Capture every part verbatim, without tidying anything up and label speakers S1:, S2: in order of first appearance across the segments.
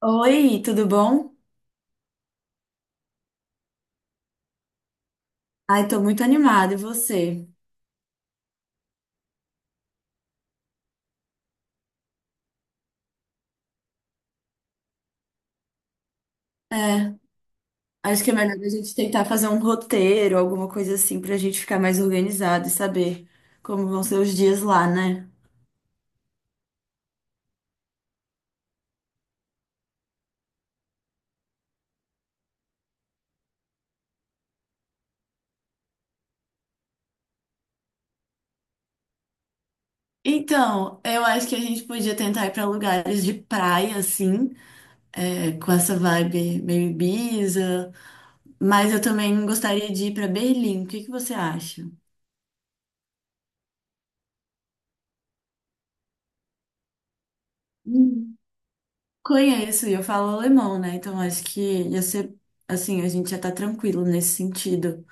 S1: Oi, tudo bom? Ai, tô muito animada, e você? É, acho que é melhor a gente tentar fazer um roteiro, alguma coisa assim, pra gente ficar mais organizado e saber como vão ser os dias lá, né? Então, eu acho que a gente podia tentar ir pra lugares de praia, assim, é, com essa vibe meio Ibiza, mas eu também gostaria de ir pra Berlim, o que que você acha? Hum. Conheço, e eu falo alemão, né? Então acho que ia ser, assim, a gente já tá tranquilo nesse sentido.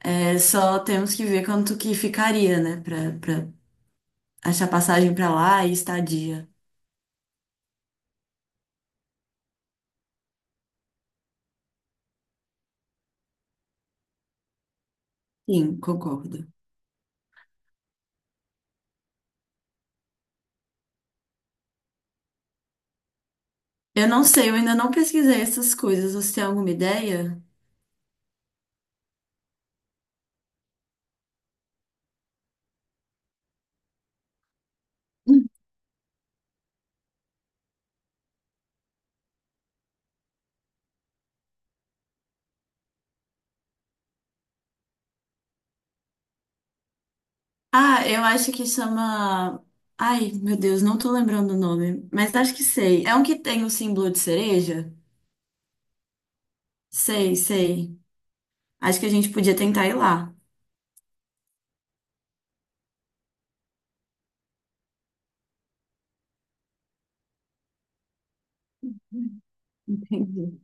S1: É, só temos que ver quanto que ficaria, né, pra, pra achar passagem pra lá e estadia. Sim, concordo. Eu não sei, eu ainda não pesquisei essas coisas. Você tem alguma ideia? Ah, eu acho que chama. Ai, meu Deus, não tô lembrando o nome, mas acho que sei. É um que tem o símbolo de cereja? Sei, sei. Acho que a gente podia tentar ir lá. Entendi.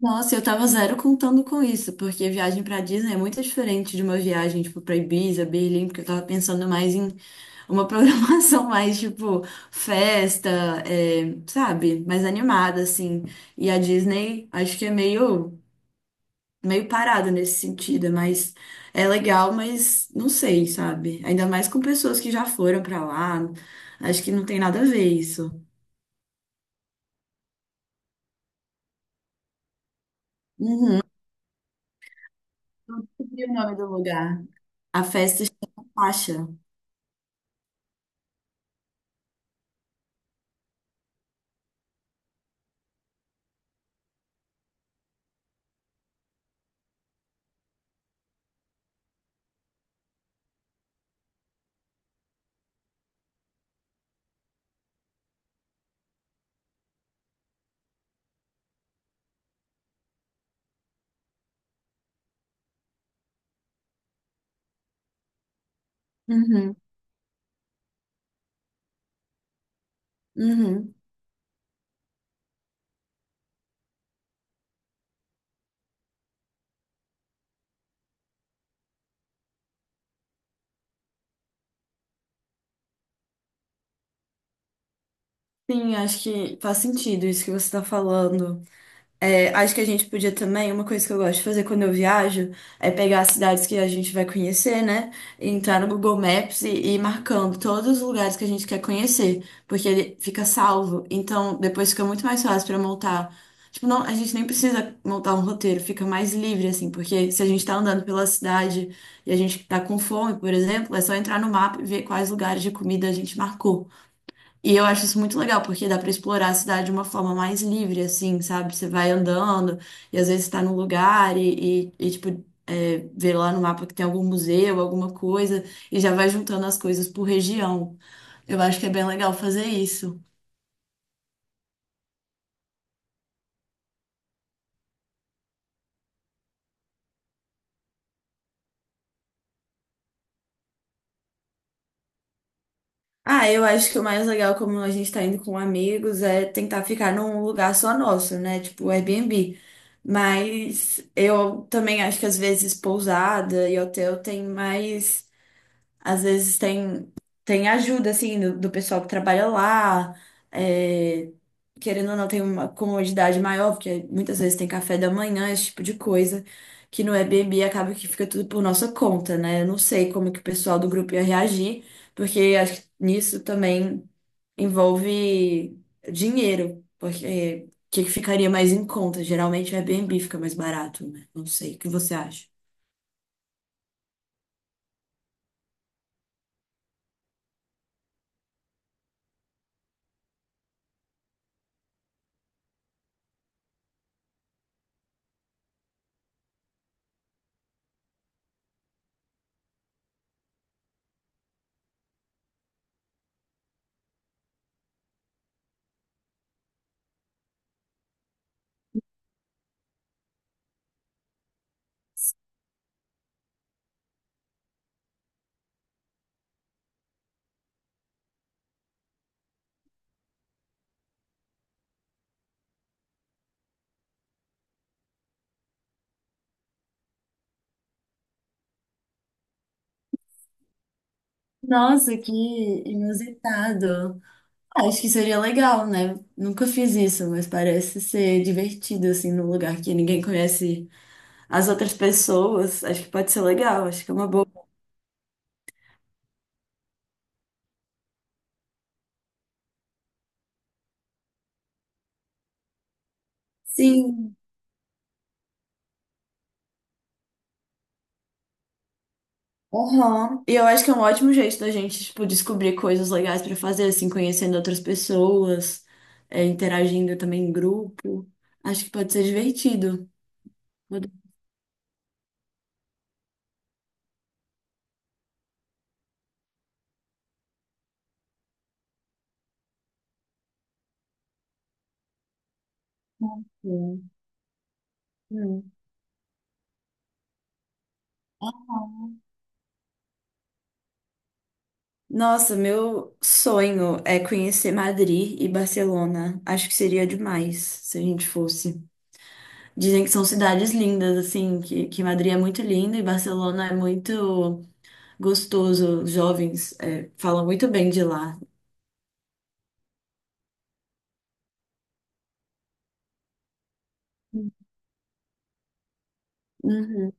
S1: Nossa, eu tava zero contando com isso, porque viagem pra Disney é muito diferente de uma viagem, tipo, pra Ibiza, Berlim, porque eu tava pensando mais em uma programação mais, tipo, festa, é, sabe? Mais animada, assim. E a Disney, acho que é meio, meio parada nesse sentido, mas é legal, mas não sei, sabe? Ainda mais com pessoas que já foram pra lá, acho que não tem nada a ver isso. Uhum, não descobri o nome do lugar. A festa chama Faixa. Uhum, uhum. Sim, acho que faz sentido isso que você está falando. É, acho que a gente podia também, uma coisa que eu gosto de fazer quando eu viajo, é pegar as cidades que a gente vai conhecer, né? E entrar no Google Maps e e ir marcando todos os lugares que a gente quer conhecer, porque ele fica salvo. Então, depois fica muito mais fácil para montar. Tipo, não, a gente nem precisa montar um roteiro, fica mais livre, assim, porque se a gente tá andando pela cidade e a gente tá com fome, por exemplo, é só entrar no mapa e ver quais lugares de comida a gente marcou. E eu acho isso muito legal, porque dá pra explorar a cidade de uma forma mais livre, assim, sabe? Você vai andando e às vezes tá num lugar e, e, e, tipo, é, vê lá no mapa que tem algum museu, alguma coisa, e já vai juntando as coisas por região. Eu acho que é bem legal fazer isso. Ah, eu acho que o mais legal, como a gente tá indo com amigos, é tentar ficar num lugar só nosso, né? Tipo Airbnb. Mas eu também acho que às vezes pousada e hotel tem mais. Às vezes tem, tem ajuda, assim, do, do pessoal que trabalha lá. É, querendo ou não, tem uma comodidade maior, porque muitas vezes tem café da manhã, esse tipo de coisa, que no Airbnb acaba que fica tudo por nossa conta, né? Eu não sei como que o pessoal do grupo ia reagir, porque acho que nisso também envolve dinheiro, porque o que que ficaria mais em conta? Geralmente o Airbnb fica mais barato, né? Não sei, o que você acha? Nossa, que inusitado. Acho que seria legal, né? Nunca fiz isso, mas parece ser divertido, assim, num lugar que ninguém conhece as outras pessoas. Acho que pode ser legal, acho que é uma boa. Sim, aham. E eu acho que é um ótimo jeito da gente, tipo, descobrir coisas legais pra fazer, assim, conhecendo outras pessoas, é, interagindo também em grupo. Acho que pode ser divertido. Pode ser. Hum. Nossa, meu sonho é conhecer Madrid e Barcelona. Acho que seria demais se a gente fosse. Dizem que são cidades lindas, assim, que, que Madrid é muito linda e Barcelona é muito gostoso. Os jovens, é, falam muito bem de lá. Uhum.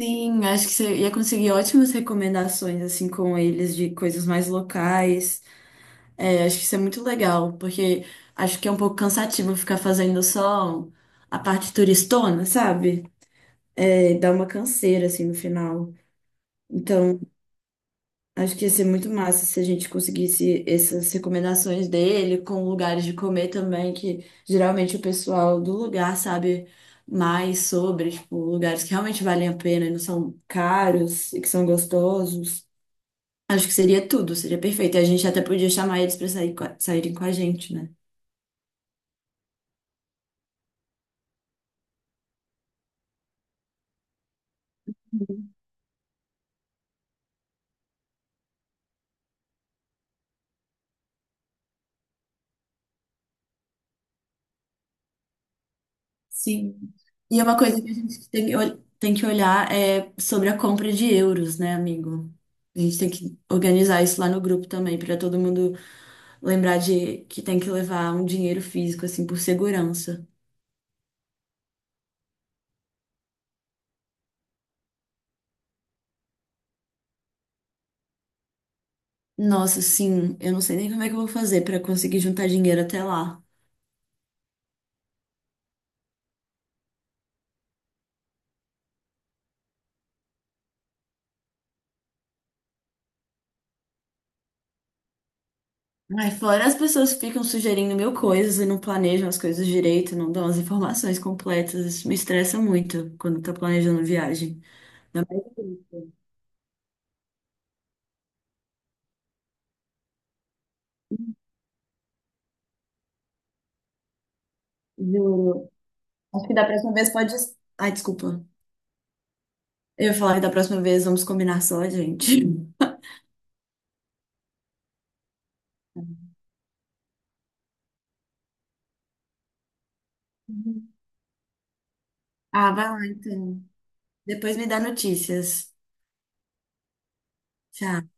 S1: Sim, acho que você ia conseguir ótimas recomendações, assim, com eles de coisas mais locais. É, acho que isso é muito legal, porque acho que é um pouco cansativo ficar fazendo só a parte turistona, sabe? É, dá uma canseira, assim, no final. Então, acho que ia ser muito massa se a gente conseguisse essas recomendações dele com lugares de comer também, que geralmente o pessoal do lugar sabe mais sobre, tipo, lugares que realmente valem a pena e não são caros e que são gostosos. Acho que seria tudo, seria perfeito. E a gente até podia chamar eles para sair, co- saírem com a gente, né? Sim. E é uma coisa que a gente tem, que ol- tem que olhar é sobre a compra de euros, né, amigo? A gente tem que organizar isso lá no grupo também, para todo mundo. Lembrar de que tem que levar um dinheiro físico, assim, por segurança. Nossa, sim, eu não sei nem como é que eu vou fazer pra conseguir juntar dinheiro até lá. Ai, fora as pessoas que ficam sugerindo mil coisas e não planejam as coisas direito, não dão as informações completas. Isso me estressa muito quando tá planejando viagem. Juro. Acho que da próxima vez pode. Ai, desculpa. Eu ia falar que da próxima vez vamos combinar só, gente. Ah, vai lá então. Depois me dá notícias. Tchau.